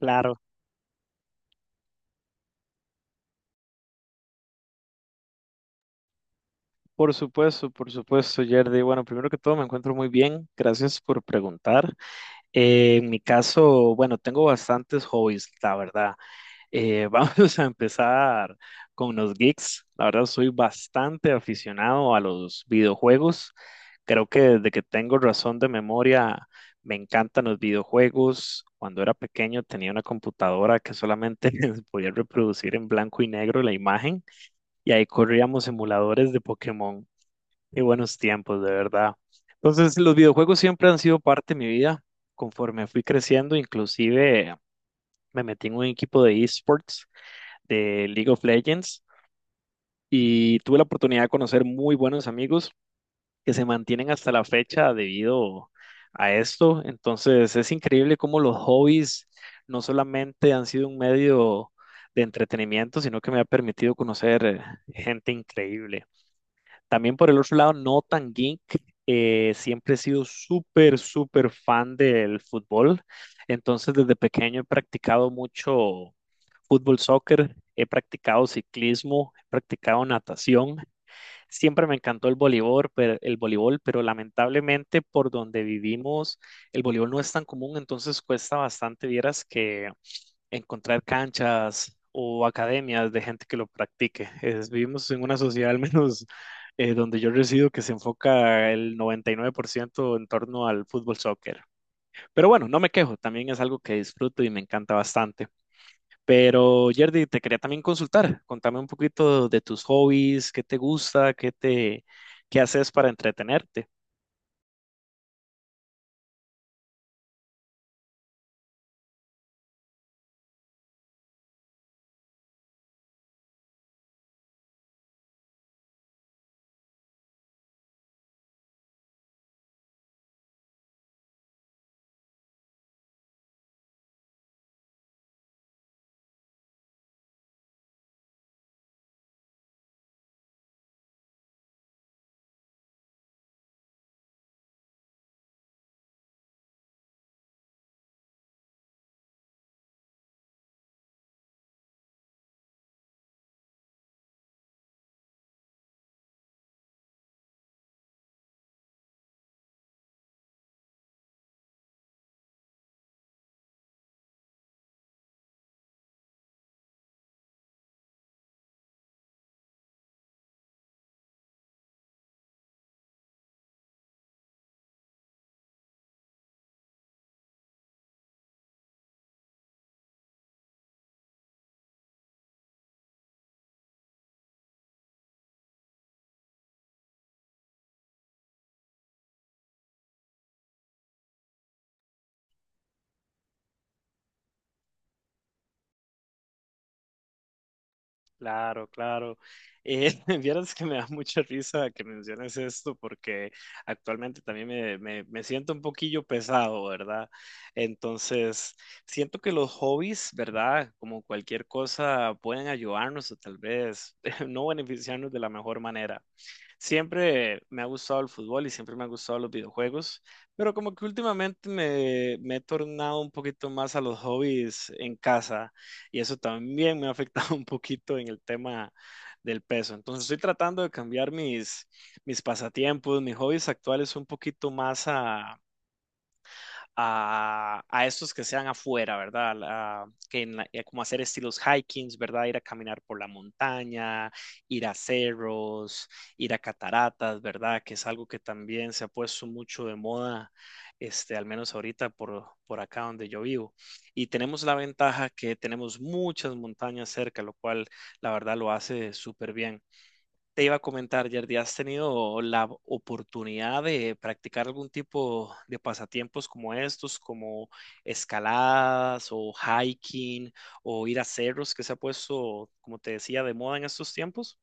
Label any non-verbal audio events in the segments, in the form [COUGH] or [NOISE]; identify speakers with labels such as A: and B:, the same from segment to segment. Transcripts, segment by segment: A: Claro, por supuesto, Yerdy. Bueno, primero que todo me encuentro muy bien, gracias por preguntar. En mi caso, bueno, tengo bastantes hobbies, la verdad. Eh, [LAUGHS] vamos a empezar con los geeks. La verdad, soy bastante aficionado a los videojuegos. Creo que desde que tengo razón de memoria, me encantan los videojuegos. Cuando era pequeño tenía una computadora que solamente [LAUGHS] podía reproducir en blanco y negro la imagen y ahí corríamos emuladores de Pokémon. Qué buenos tiempos, de verdad. Entonces, los videojuegos siempre han sido parte de mi vida. Conforme fui creciendo, inclusive me metí en un equipo de esports de League of Legends y tuve la oportunidad de conocer muy buenos amigos que se mantienen hasta la fecha debido a esto. Entonces, es increíble cómo los hobbies no solamente han sido un medio de entretenimiento, sino que me ha permitido conocer gente increíble. También por el otro lado, no tan geek, siempre he sido súper, súper fan del fútbol. Entonces, desde pequeño he practicado mucho fútbol, soccer, he practicado ciclismo, he practicado natación. Siempre me encantó el voleibol, pero lamentablemente por donde vivimos el voleibol no es tan común, entonces cuesta bastante, vieras que encontrar canchas o academias de gente que lo practique. Es- vivimos en una sociedad al menos donde yo resido que se enfoca el 99% en torno al fútbol soccer. Pero bueno, no me quejo, también es algo que disfruto y me encanta bastante. Pero Yerdy, te quería también consultar. Contame un poquito de tus hobbies, qué te gusta, qué haces para entretenerte. Claro, claro. Eh, [LAUGHS] vieras que me da mucha risa que menciones esto porque actualmente también me siento un poquillo pesado, ¿verdad? Entonces, siento que los hobbies, ¿verdad? Como cualquier cosa, pueden ayudarnos o tal vez [LAUGHS] no beneficiarnos de la mejor manera. Siempre me ha gustado el fútbol y siempre me han gustado los videojuegos, pero como que últimamente me he tornado un poquito más a los hobbies en casa y eso también me ha afectado [LAUGHS] un poquito en el tema del peso. Entonces estoy tratando de cambiar mis pasatiempos, mis hobbies actuales un poquito más a estos que sean afuera, ¿verdad? Como hacer estilos hikings, ¿verdad? Ir a caminar por la montaña, ir a cerros, ir a cataratas, ¿verdad? Que es algo que también se ha puesto mucho de moda, este, al menos ahorita por acá donde yo vivo. Y tenemos la ventaja que tenemos muchas montañas cerca, lo cual la verdad lo hace súper bien. Te iba a comentar, Yerdy, ¿has tenido la oportunidad de practicar algún tipo de pasatiempos como estos, como escaladas o hiking o ir a cerros que se ha puesto, como te decía, de moda en estos tiempos?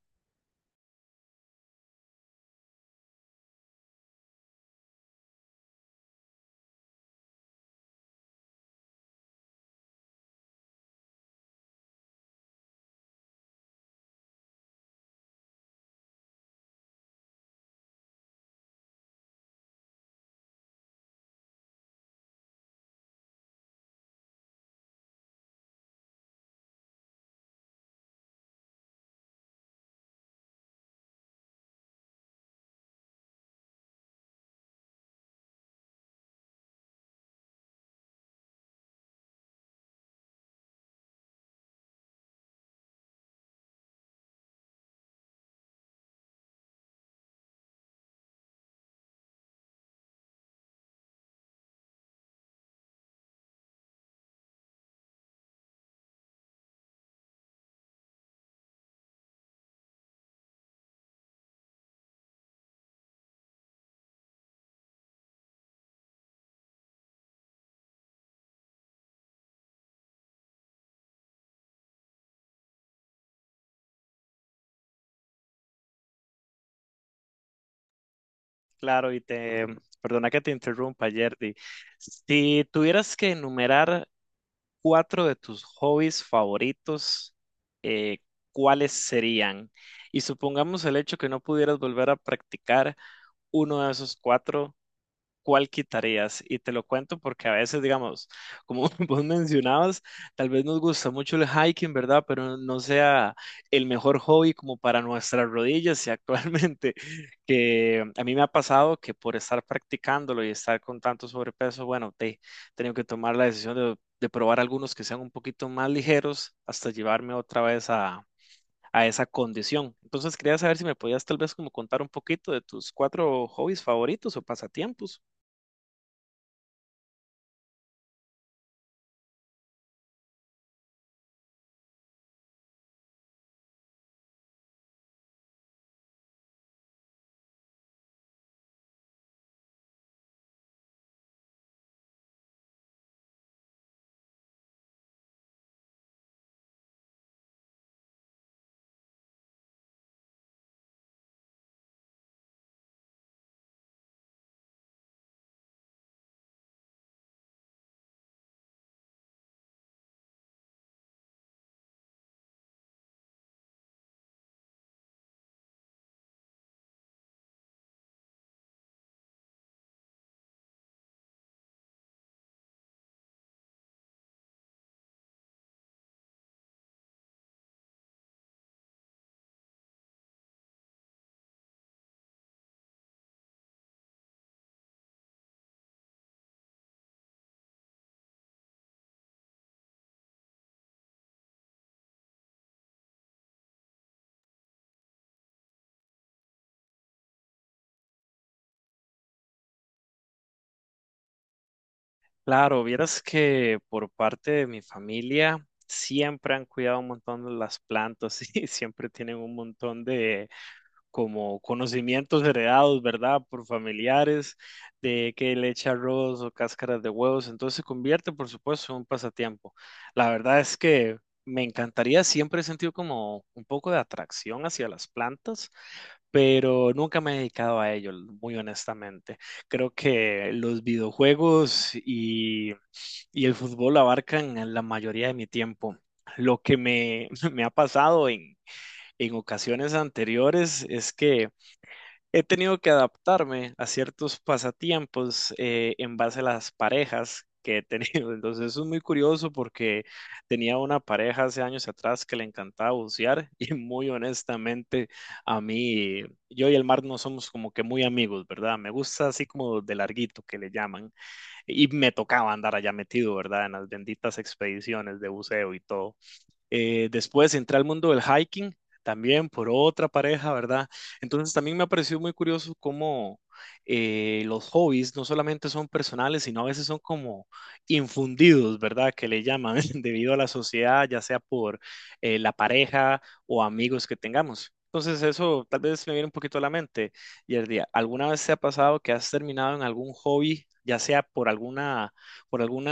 A: Claro, perdona que te interrumpa, Yerdy. Si tuvieras que enumerar cuatro de tus hobbies favoritos, eh, ¿cuáles serían? Y supongamos el hecho que no pudieras volver a practicar uno de esos cuatro cuál quitarías. Y te lo cuento porque a veces, digamos, como [LAUGHS] vos mencionabas, tal vez nos gusta mucho el hiking, ¿verdad? Pero no sea el mejor hobby como para nuestras rodillas. Y actualmente, [LAUGHS] que a mí me ha pasado que por estar practicándolo y estar con tanto sobrepeso, bueno, te, he tenido que tomar la decisión de probar algunos que sean un poquito más ligeros hasta llevarme otra vez a esa condición. Entonces quería saber si me podías tal vez como contar un poquito de tus cuatro hobbies favoritos o pasatiempos. Claro, vieras que por parte de mi familia siempre han cuidado un montón de las plantas [LAUGHS] y siempre tienen un montón de como conocimientos heredados, ¿verdad? Por familiares, de que le echa arroz o cáscaras de huevos, entonces se convierte, por supuesto, en un pasatiempo. La verdad es que me encantaría, siempre he sentido como un poco de atracción hacia las plantas pero nunca me he dedicado a ello, muy honestamente. Creo que los videojuegos y el fútbol abarcan la mayoría de mi tiempo. Lo que [LAUGHS] me ha pasado en ocasiones anteriores es que he tenido que adaptarme a ciertos pasatiempos en base a las parejas que he tenido. [LAUGHS] Entonces, eso es muy curioso porque tenía una pareja hace años atrás que le encantaba bucear [LAUGHS] y muy honestamente a mí, yo y el mar no somos como que muy amigos, ¿verdad? Me gusta así como de larguito que le llaman y me tocaba andar allá metido, ¿verdad? En las benditas expediciones de buceo y todo. Después entré al mundo del hiking, también por otra pareja, ¿verdad? Entonces también me ha parecido muy curioso cómo los hobbies no solamente son personales, sino a veces son como infundidos, ¿verdad? Que le llaman [LAUGHS] debido a la sociedad, ya sea por la pareja o amigos que tengamos. Entonces eso tal vez me viene un poquito a la mente. Y el día, ¿alguna vez te ha pasado que has terminado en algún hobby, ya sea por alguna por algún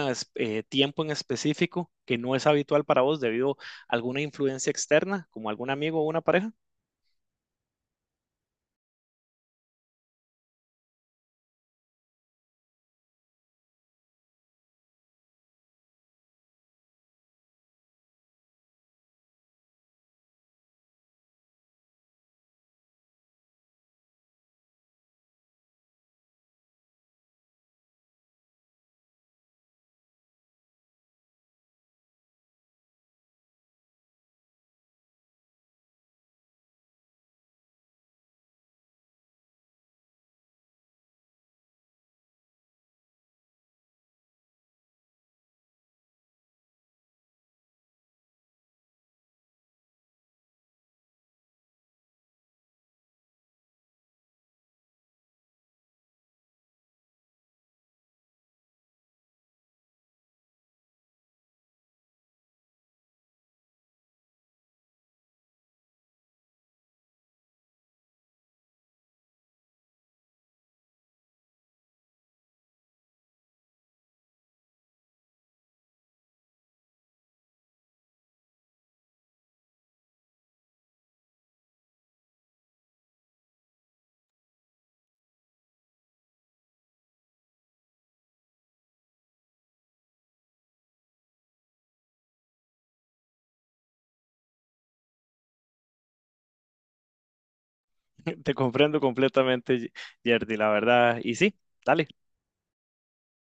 A: tiempo en específico que no es habitual para vos debido alguna influencia externa, como algún amigo o una pareja? [LAUGHS] Te comprendo completamente, Yerdy, la verdad. Y sí, dale,